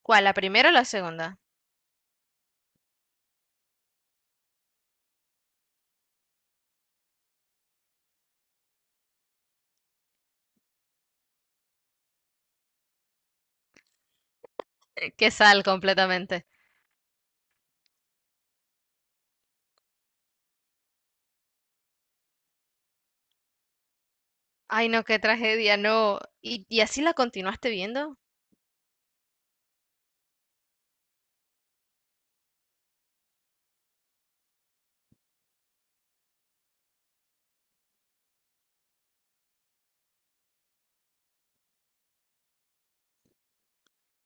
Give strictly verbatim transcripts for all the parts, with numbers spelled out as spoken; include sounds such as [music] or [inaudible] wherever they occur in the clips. ¿Cuál? ¿La primera o la segunda? Eh, Que sal completamente. Ay, no, qué tragedia, no. ¿Y, y así la continuaste viendo?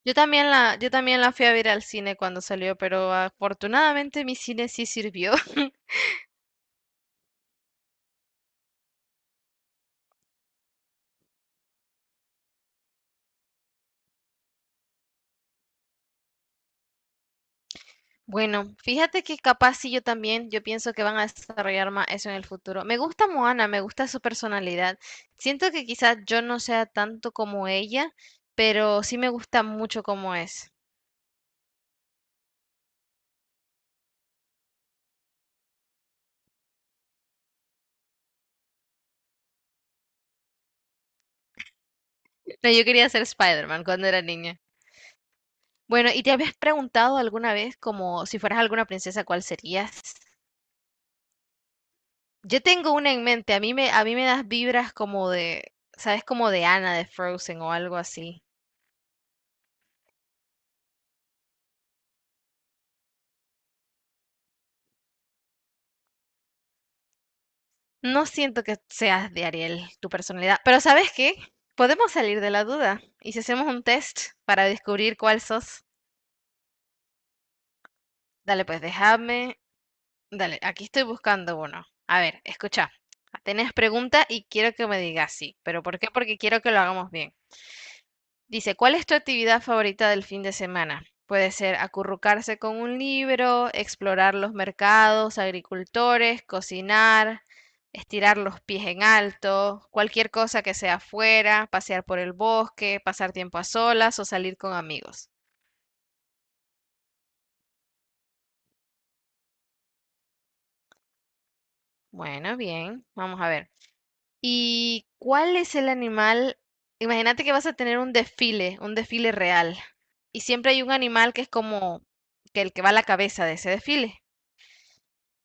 Yo también la, yo también la fui a ver al cine cuando salió, pero afortunadamente mi cine sí sirvió. [laughs] Bueno, fíjate que capaz sí yo también, yo pienso que van a desarrollar más eso en el futuro. Me gusta Moana, me gusta su personalidad. Siento que quizás yo no sea tanto como ella, pero sí me gusta mucho como es. No, yo quería ser Spider-Man cuando era niña. Bueno, ¿y te habías preguntado alguna vez como si fueras alguna princesa, cuál serías? Yo tengo una en mente, a mí me, a mí me das vibras como de, ¿sabes? Como de Anna de Frozen o algo así. No siento que seas de Ariel, tu personalidad, pero ¿sabes qué? Podemos salir de la duda y si hacemos un test para descubrir cuál sos, dale pues déjame, dale, aquí estoy buscando uno. A ver, escucha, tenés pregunta y quiero que me digas sí, pero ¿por qué? Porque quiero que lo hagamos bien. Dice, ¿cuál es tu actividad favorita del fin de semana? Puede ser acurrucarse con un libro, explorar los mercados, agricultores, cocinar, estirar los pies en alto, cualquier cosa que sea afuera, pasear por el bosque, pasar tiempo a solas o salir con amigos. Bueno, bien, vamos a ver. ¿Y cuál es el animal? Imagínate que vas a tener un desfile, un desfile real, y siempre hay un animal que es como que el que va a la cabeza de ese desfile.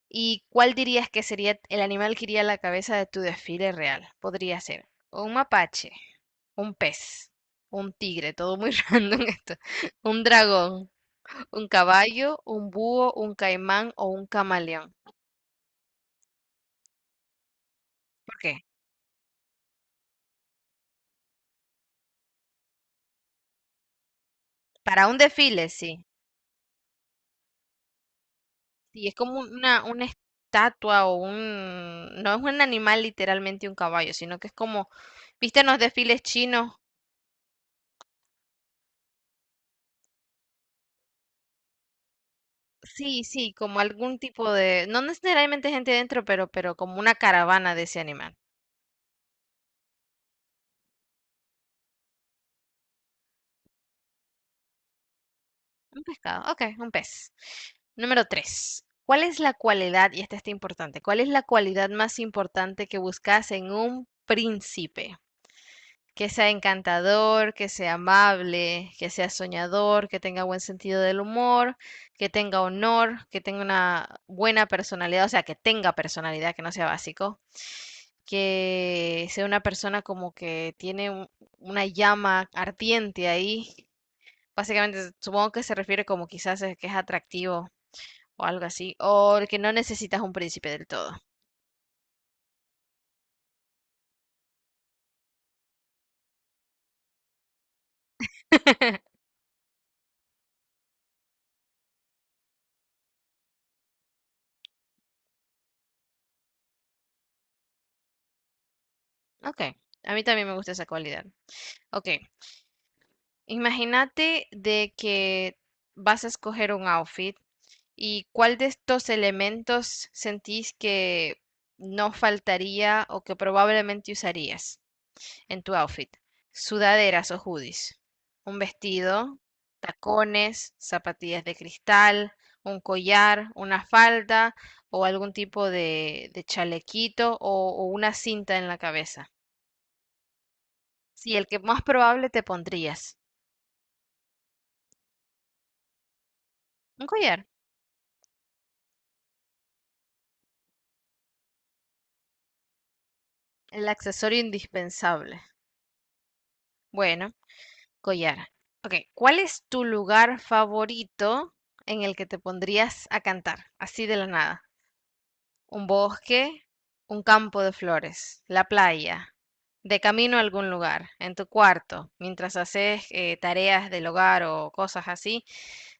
¿Y cuál dirías que sería el animal que iría a la cabeza de tu desfile real? Podría ser un mapache, un pez, un tigre, todo muy [laughs] random esto, un dragón, un caballo, un búho, un caimán o un camaleón. ¿Por qué? Para un desfile, sí. Sí, es como una, una estatua o un No es un animal literalmente un caballo, sino que es como, ¿viste en los desfiles chinos? Sí, sí, como algún tipo de, no necesariamente gente dentro, pero, pero como una caravana de ese animal. Un pescado, ok, un pez. Número tres. ¿Cuál es la cualidad, y esta está importante, cuál es la cualidad más importante que buscas en un príncipe? Que sea encantador, que sea amable, que sea soñador, que tenga buen sentido del humor, que tenga honor, que tenga una buena personalidad, o sea, que tenga personalidad, que no sea básico, que sea una persona como que tiene un- una llama ardiente ahí. Básicamente, supongo que se refiere como quizás es que es atractivo o algo así, o el que no necesitas un príncipe del todo. [laughs] Ok, a mí también me gusta esa cualidad. Ok. Imagínate de que vas a escoger un outfit y cuál de estos elementos sentís que no faltaría o que probablemente usarías en tu outfit. Sudaderas o hoodies, un vestido, tacones, zapatillas de cristal, un collar, una falda o algún tipo de, de chalequito o, o una cinta en la cabeza. Sí, el que más probable te pondrías. Un collar. El accesorio indispensable. Bueno, collar. Ok, ¿cuál es tu lugar favorito en el que te pondrías a cantar? Así de la nada. ¿Un bosque? ¿Un campo de flores? ¿La playa? ¿De camino a algún lugar? ¿En tu cuarto? ¿Mientras haces eh, tareas del hogar o cosas así?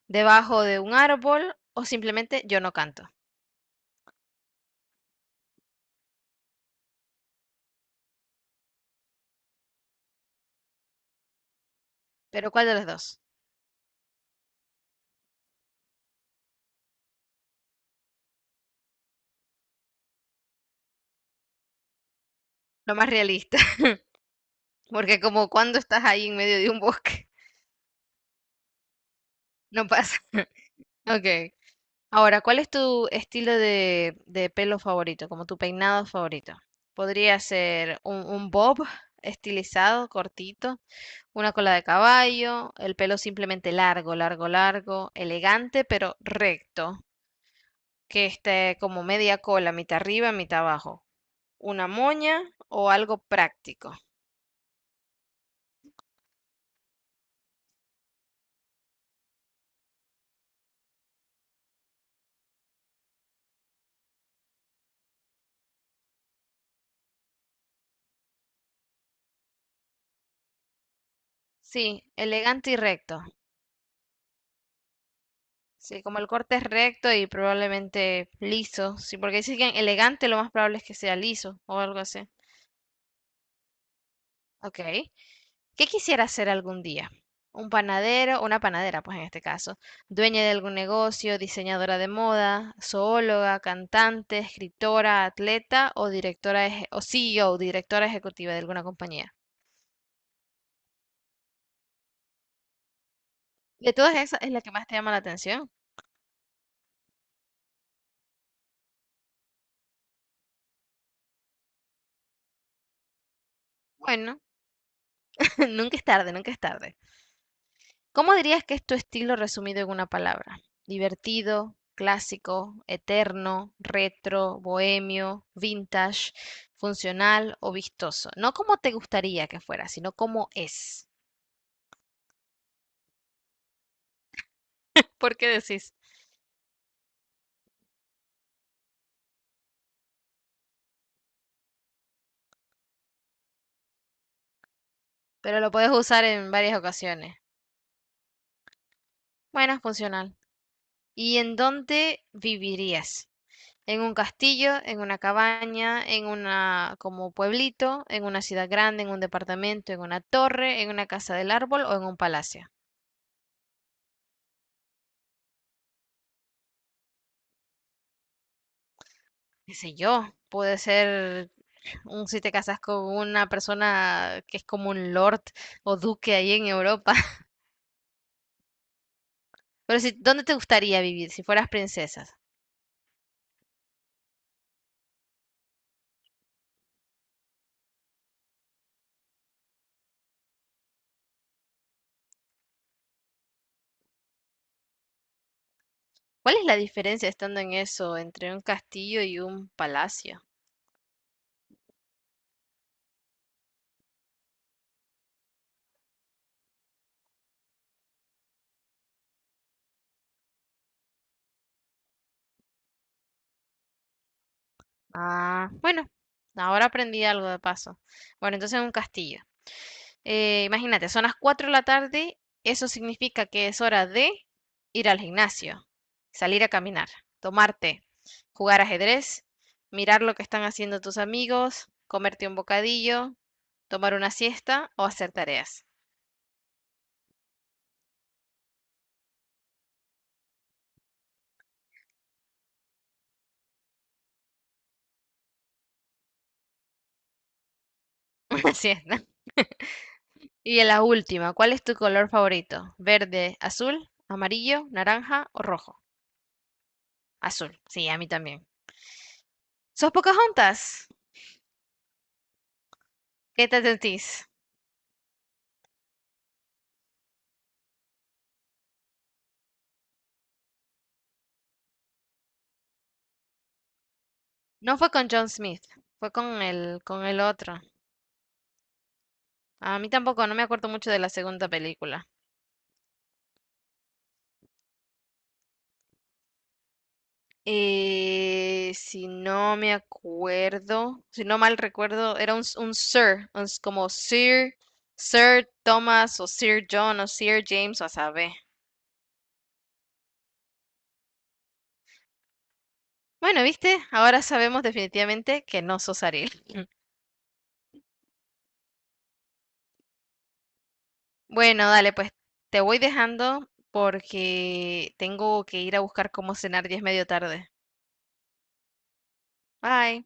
¿Debajo de un árbol? ¿O simplemente yo no canto? Pero ¿cuál de los dos? Lo más realista, [laughs] porque como cuando estás ahí en medio de un bosque, no pasa. [laughs] Ok. Ahora, ¿cuál es tu estilo de, de pelo favorito, como tu peinado favorito? Podría ser un, un bob estilizado, cortito, una cola de caballo, el pelo simplemente largo, largo, largo, elegante, pero recto, que esté como media cola, mitad arriba, mitad abajo, una moña o algo práctico. Sí, elegante y recto. Sí, como el corte es recto y probablemente liso. Sí, porque dicen que elegante lo más probable es que sea liso o algo así. Ok. ¿Qué quisiera ser algún día? Un panadero, una panadera, pues en este caso, dueña de algún negocio, diseñadora de moda, zoóloga, cantante, escritora, atleta o directora eje- o C E O, directora ejecutiva de alguna compañía. De todas esas es la que más te llama la atención. Bueno, [laughs] nunca es tarde, nunca es tarde. ¿Cómo dirías que es tu estilo resumido en una palabra? Divertido, clásico, eterno, retro, bohemio, vintage, funcional o vistoso. No como te gustaría que fuera, sino como es. ¿Por qué decís? Pero lo puedes usar en varias ocasiones. Bueno, funcional. ¿Y en dónde vivirías? ¿En un castillo, en una cabaña, en una como pueblito, en una ciudad grande, en un departamento, en una torre, en una casa del árbol o en un palacio? Qué sé yo, puede ser un si te casas con una persona que es como un lord o duque ahí en Europa. [laughs] Pero si, ¿dónde te gustaría vivir si fueras princesa? ¿Cuál es la diferencia estando en eso entre un castillo y un palacio? Ah, bueno, ahora aprendí algo de paso. Bueno, entonces un castillo. Eh, imagínate, son las cuatro de la tarde, eso significa que es hora de ir al gimnasio, salir a caminar, tomarte, jugar ajedrez, mirar lo que están haciendo tus amigos, comerte un bocadillo, tomar una siesta o hacer tareas. [laughs] Una siesta. Y en la última, ¿cuál es tu color favorito? ¿Verde, azul, amarillo, naranja o rojo? Azul, sí, a mí también. ¿Sos juntas? ¿Qué te sentís? No fue con John Smith, fue con el, con el otro. A mí tampoco, no me acuerdo mucho de la segunda película. Eh, si no me acuerdo, si no mal recuerdo, era un, s- un Sir, un s- como Sir, Sir Thomas o Sir John o Sir James o a saber. Bueno, viste, ahora sabemos definitivamente que no sos Ariel. [laughs] Bueno, dale, pues te voy dejando porque tengo que ir a buscar cómo cenar y es medio tarde. Bye.